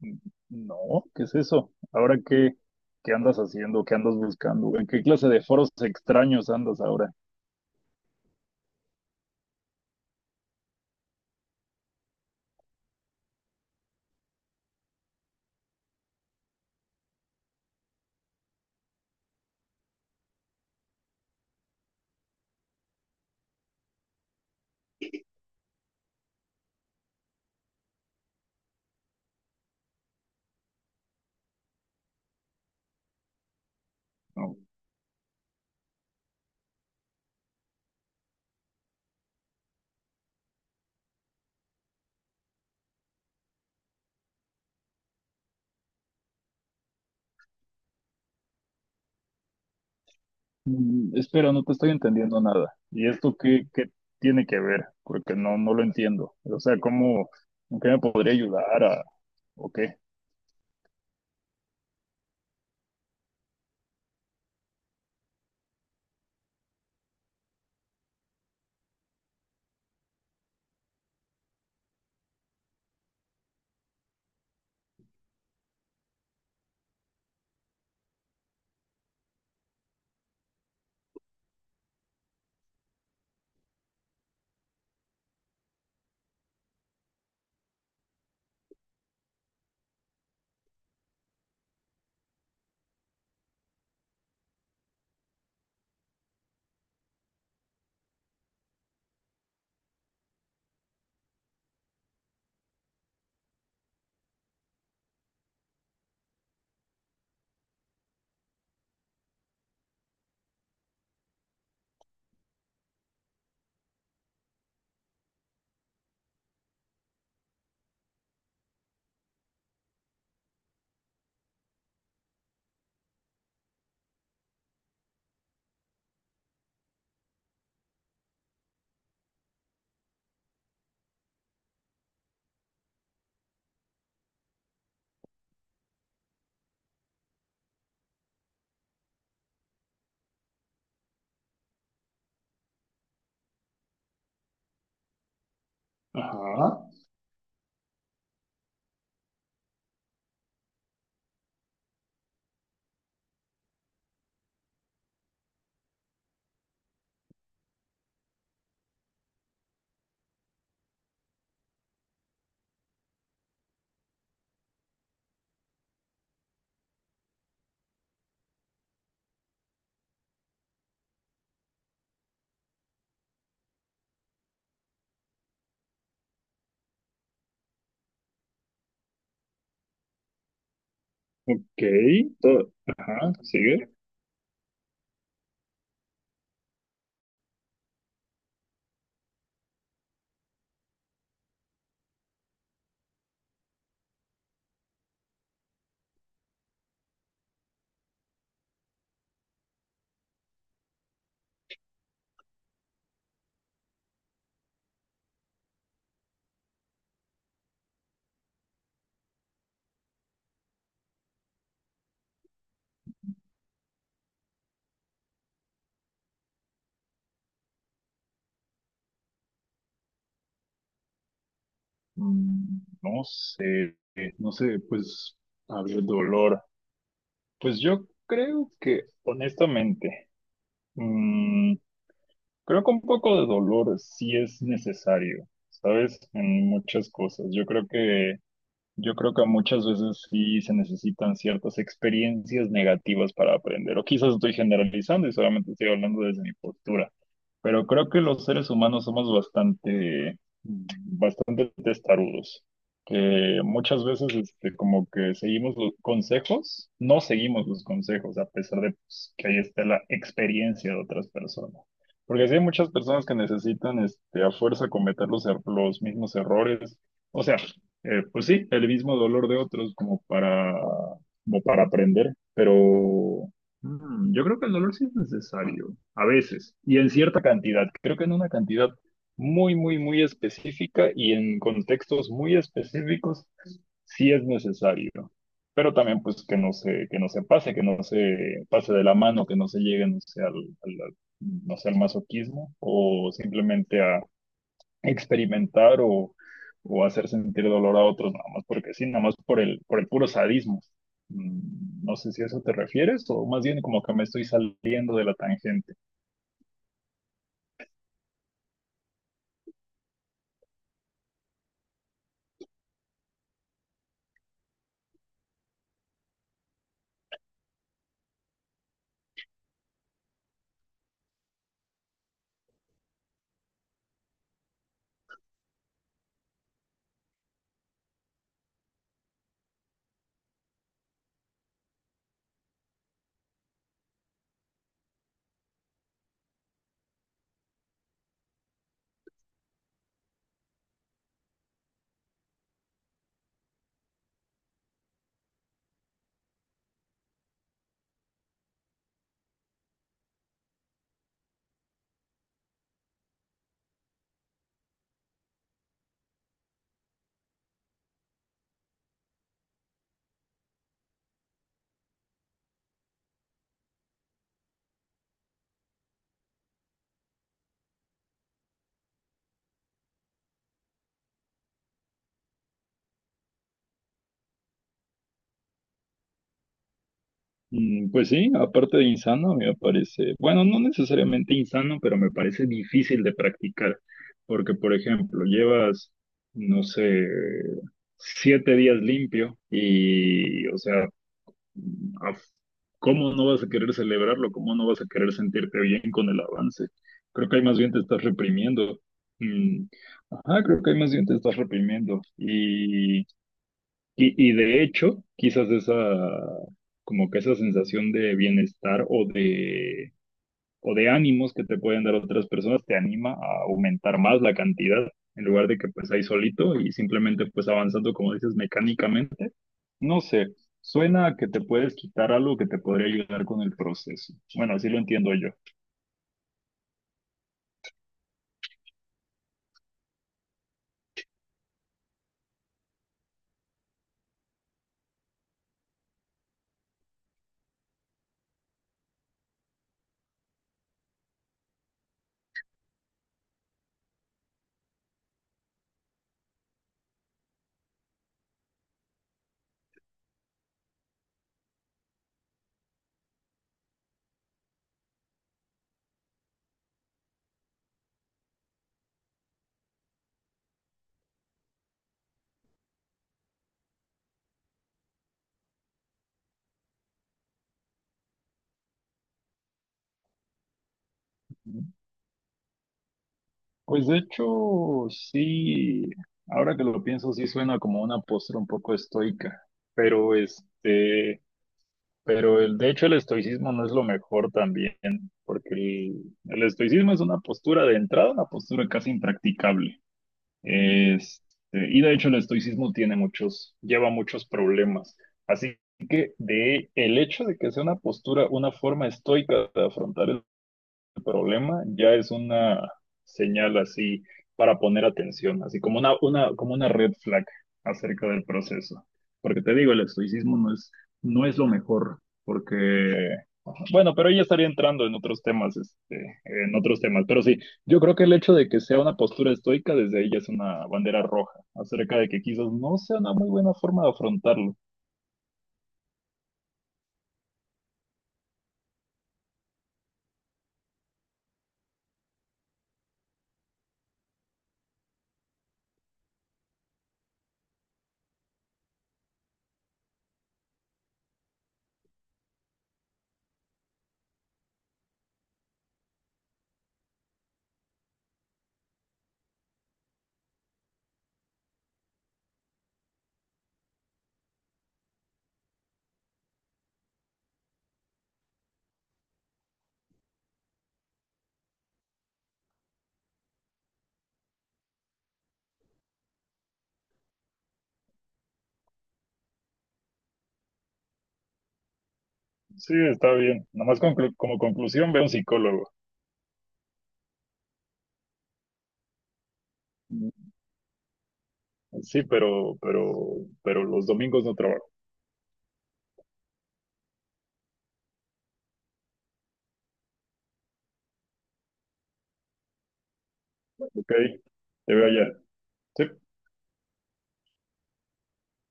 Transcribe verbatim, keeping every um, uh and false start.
Mm, no, ¿qué es eso? Ahora qué, qué andas haciendo, qué andas buscando, en qué clase de foros extraños andas ahora. No. Mm, espera, no te estoy entendiendo nada. ¿Y esto qué, qué tiene que ver? Porque no, no lo entiendo. O sea, ¿cómo, en qué me podría ayudar a, o qué? Ajá, ok, todo- ajá, sigue. Mm, No sé, no sé, pues, a ver, dolor. Pues yo creo que, honestamente, mm, Creo que un poco de dolor sí es necesario, ¿sabes? En muchas cosas. Yo creo que, yo creo que muchas veces sí se necesitan ciertas experiencias negativas para aprender. O quizás estoy generalizando y solamente estoy hablando desde mi postura. Pero creo que los seres humanos somos bastante, bastante testarudos. Que muchas veces, este, como que seguimos los consejos, no seguimos los consejos, a pesar de pues, que ahí está la experiencia de otras personas. Porque sí hay muchas personas que necesitan, este, a fuerza cometer los, er- los mismos errores. O sea, eh, pues sí, el mismo dolor de otros como para, como para aprender, pero Mm, yo creo que el dolor sí es necesario, a veces, y en cierta cantidad. Creo que en una cantidad muy, muy, muy específica y en contextos muy específicos sí es necesario. Pero también, pues, que no se, que no se pase, que no se pase de la mano, que no se llegue, no sé, al, al- al- no sé, al masoquismo o simplemente experimentar o, o hacer sentir dolor a otros, nada más porque sí, nada más por el, por el puro sadismo. Mm, No sé si a eso te refieres o más bien como que me estoy saliendo de la tangente. Mm, Pues sí, aparte de insano, me parece, bueno, no necesariamente insano, pero me parece difícil de practicar, porque, por ejemplo, llevas, no sé, siete días limpio y, o sea, a- ¿cómo no vas a querer celebrarlo? ¿Cómo no vas a querer sentirte bien con el avance? Creo que ahí más bien te estás reprimiendo. Mm, ajá, creo que ahí más bien te estás reprimiendo. Y, y, y de hecho, quizás esa, como que esa sensación de bienestar o de o de ánimos que te pueden dar otras personas te anima a aumentar más la cantidad en lugar de que pues ahí solito y simplemente pues avanzando como dices mecánicamente. No sé, suena a que te puedes quitar algo que te podría ayudar con el proceso. Bueno, así lo entiendo yo. Pues de hecho, sí, ahora que lo pienso, sí suena como una postura un poco estoica, pero este... Pero el, de hecho el estoicismo no es lo mejor también, porque el, el estoicismo es una postura de entrada, una postura casi impracticable. Este, y de hecho el estoicismo tiene muchos, lleva muchos problemas. Así que de el hecho de que sea una postura, una forma estoica de afrontar problema ya es una señal así para poner atención, así como una, una, como una red flag acerca del proceso. Porque te digo, el estoicismo no es, no es lo mejor, porque, bueno, pero ella estaría entrando en otros temas, este, en otros temas. Pero sí, yo creo que el hecho de que sea una postura estoica desde ella es una bandera roja, acerca de que quizás no sea una muy buena forma de afrontarlo. Sí, está bien. Nomás conclu- como conclusión, ve a un psicólogo. Sí, pero, pero, pero los domingos no trabajo, ¿ok? Te veo allá. Sí,